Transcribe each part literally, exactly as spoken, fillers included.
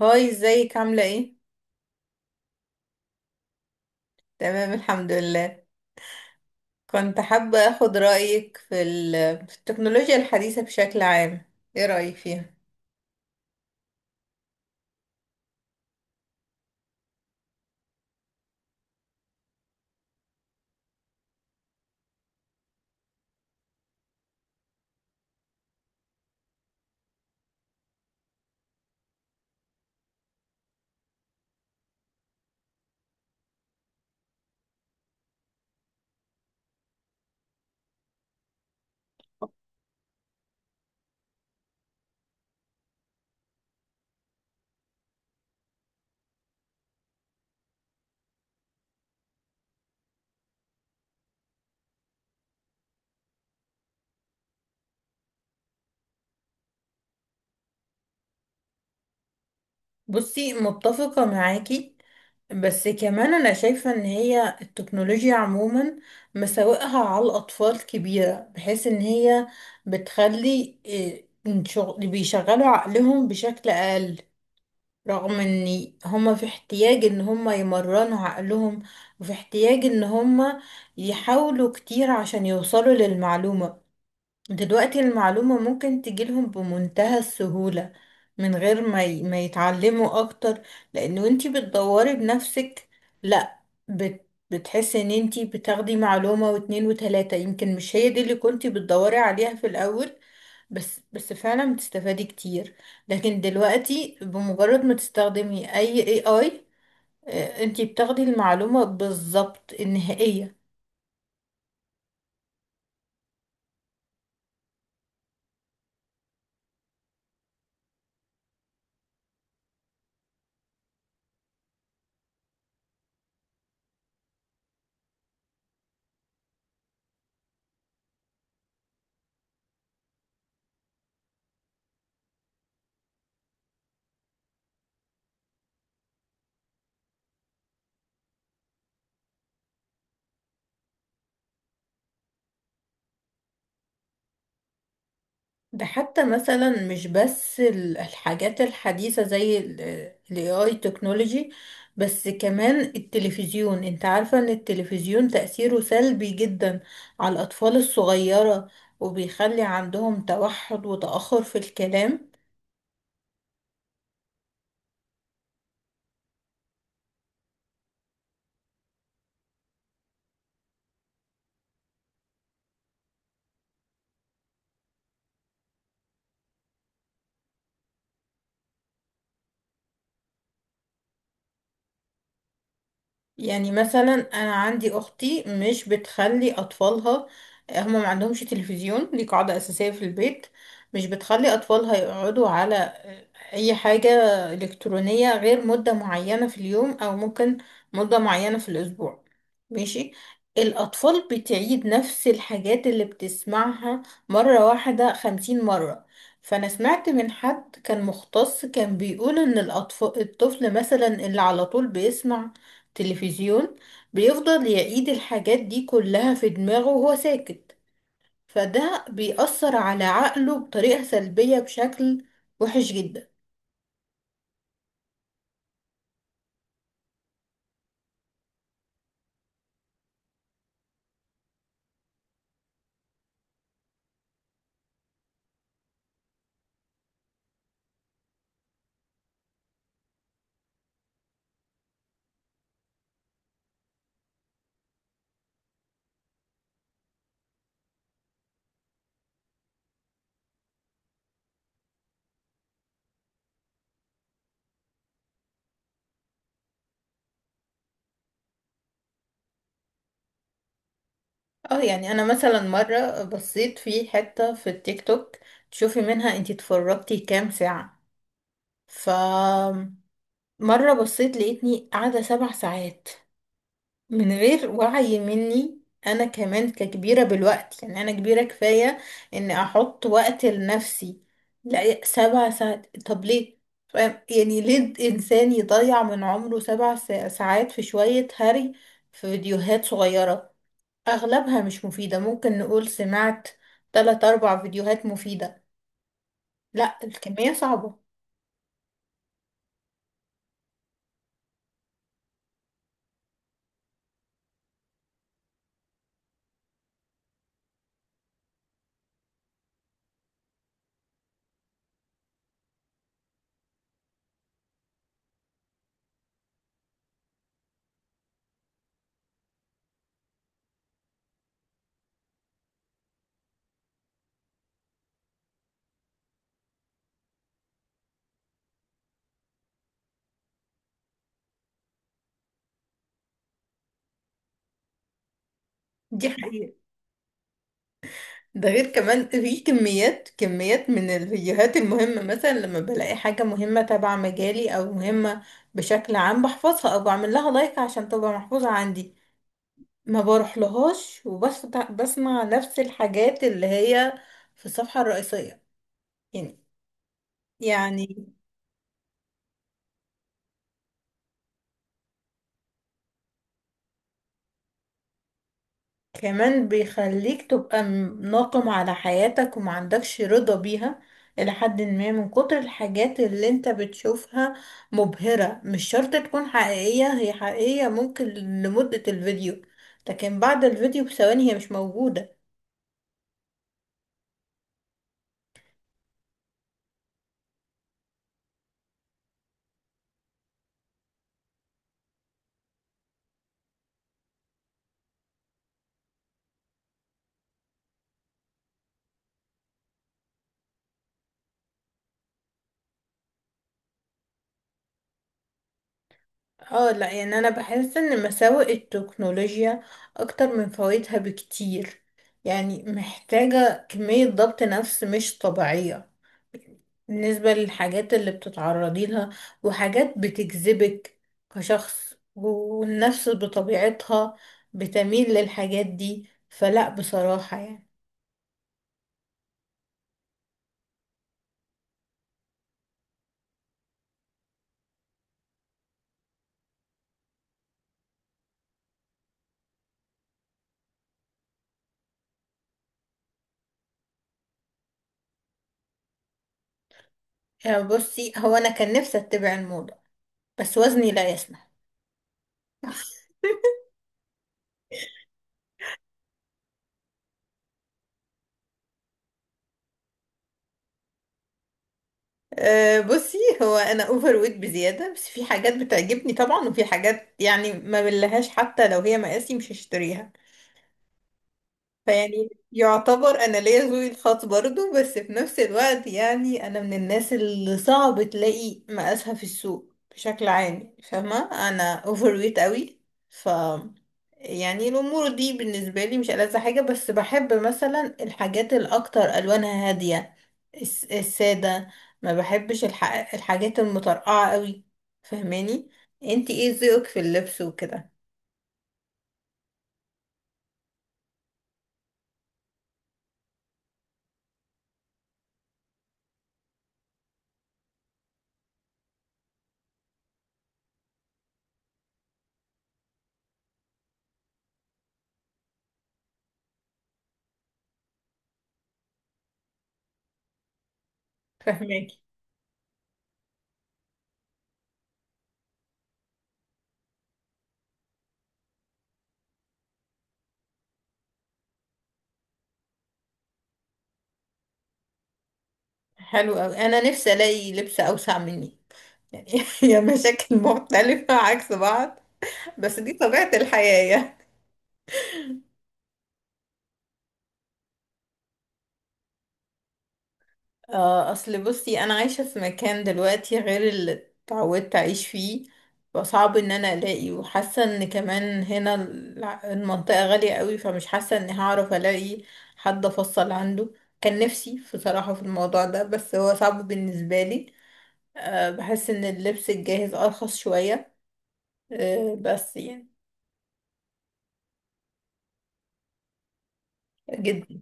هاي، ازيك عاملة ايه؟ تمام الحمد لله. كنت حابة اخد رأيك في ال- في التكنولوجيا الحديثة بشكل عام. ايه رأيك فيها؟ بصي، متفقة معاكي. بس كمان انا شايفة ان هي التكنولوجيا عموما مساوئها على الاطفال كبيرة، بحيث ان هي بتخلي إيه، إن شغ- بيشغلوا عقلهم بشكل اقل. رغم ان هما في احتياج ان هما يمرنوا عقلهم، وفي احتياج ان هما يحاولوا كتير عشان يوصلوا للمعلومة. دلوقتي المعلومة ممكن تجيلهم بمنتهى السهولة، من غير ما ي- ما يتعلموا اكتر. لان انتي بتدوري بنفسك. لا، بت بتحسي ان انتي بتاخدي معلومة واتنين وتلاتة، يمكن مش هي دي اللي كنتي بتدوري عليها في الاول. بس بس فعلا بتستفادي كتير. لكن دلوقتي بمجرد ما تستخدمي اي اي اي، انتي بتاخدي المعلومة بالظبط النهائية. ده حتى مثلا مش بس ال- الحاجات الحديثة زي الاي اي تكنولوجي. بس كمان التلفزيون، انت عارفة ان التلفزيون تأثيره سلبي جدا على الأطفال الصغيرة، وبيخلي عندهم توحد وتأخر في الكلام. يعني مثلا انا عندي اختي مش بتخلي اطفالها، هما ما عندهمش تلفزيون، دي قاعدة اساسية في البيت. مش بتخلي اطفالها يقعدوا على اي حاجة الكترونية غير مدة معينة في اليوم، او ممكن مدة معينة في الاسبوع. ماشي. الاطفال بتعيد نفس الحاجات اللي بتسمعها مرة واحدة خمسين مرة. فانا سمعت من حد كان مختص كان بيقول ان الاطفال الطفل مثلا اللي على طول بيسمع تلفزيون بيفضل يعيد الحاجات دي كلها في دماغه وهو ساكت، فده بيأثر على عقله بطريقة سلبية بشكل وحش جدا. اه، يعني انا مثلا مرة بصيت في حتة في التيك توك. تشوفي منها انتي اتفرجتي كام ساعة. ف مرة بصيت لقيتني قاعدة سبع ساعات من غير وعي مني. انا كمان ككبيرة بالوقت، يعني انا كبيرة كفاية اني احط وقت لنفسي. لا، سبع ساعات، طب ليه؟ فاهم؟ يعني ليه الانسان يضيع من عمره سبع سا- ساعات في شوية هري، في فيديوهات صغيرة اغلبها مش مفيدة. ممكن نقول سمعت تلات اربع فيديوهات مفيدة، لا الكمية صعبة. دي حقيقة. ده غير كمان في كميات كميات من الفيديوهات المهمة، مثلا لما بلاقي حاجة مهمة تبع مجالي أو مهمة بشكل عام، بحفظها أو بعمل لها لايك عشان تبقى محفوظة عندي. ما بروح لهاش، وبس بسمع نفس الحاجات اللي هي في الصفحة الرئيسية يعني يعني كمان بيخليك تبقى م- ناقم على حياتك وما عندكش رضا بيها. إلى حد ما، من كتر الحاجات اللي انت بتشوفها مبهرة. مش شرط تكون حقيقية، هي حقيقية ممكن لمدة الفيديو، لكن بعد الفيديو بثواني هي مش موجودة. اه، لا، يعني انا بحس ان مساوئ التكنولوجيا اكتر من فوائدها بكتير. يعني محتاجة كمية ضبط نفس مش طبيعية بالنسبة للحاجات اللي بتتعرضي لها وحاجات بتجذبك كشخص، والنفس بطبيعتها بتميل للحاجات دي. فلا، بصراحة يعني. يعني بصي، هو انا كان نفسي اتبع الموضة بس وزني لا يسمح. أه، بصي هو انا اوفر ويت بزياده. بس في حاجات بتعجبني طبعا، وفي حاجات يعني ما بلهاش، حتى لو هي مقاسي مش هشتريها. فيعني يعتبر انا ليا ذوقي الخاص برضو، بس في نفس الوقت يعني انا من الناس اللي صعب تلاقي مقاسها في السوق بشكل عام، فاهمة. انا اوفر ويت قوي. ف يعني الامور دي بالنسبة لي مش ألذ حاجة، بس بحب مثلا الحاجات الاكتر الوانها هادية، الس- السادة. ما بحبش الح... الحاجات المطرقعة قوي، فاهماني. انتي ايه ذوقك في اللبس وكده؟ فاهماكي. حلو قوي، انا نفسي الاقي لبس اوسع مني. يعني هي مشاكل مختلفة عكس بعض، بس دي طبيعة الحياة. آه، أصل بصي أنا عايشة في مكان دلوقتي غير اللي اتعودت أعيش فيه، فصعب إن أنا ألاقي. وحاسة إن كمان هنا الع- المنطقة غالية قوي، فمش حاسة إني هعرف ألاقي حد أفصل عنده. كان نفسي بصراحة في الموضوع ده، بس هو صعب بالنسبة لي. آه، بحس إن اللبس الجاهز أرخص شوية. آه، بس يعني. جدا.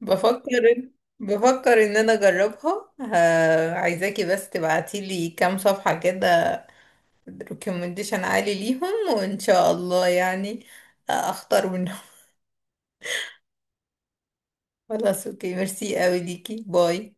بفكر بفكر ان انا اجربها. ه- عايزاكي بس تبعتيلي كام صفحة كده، ريكومنديشن عالي ليهم، وان شاء الله يعني اختار منهم. خلاص اوكي، ميرسي قوي ليكي، باي.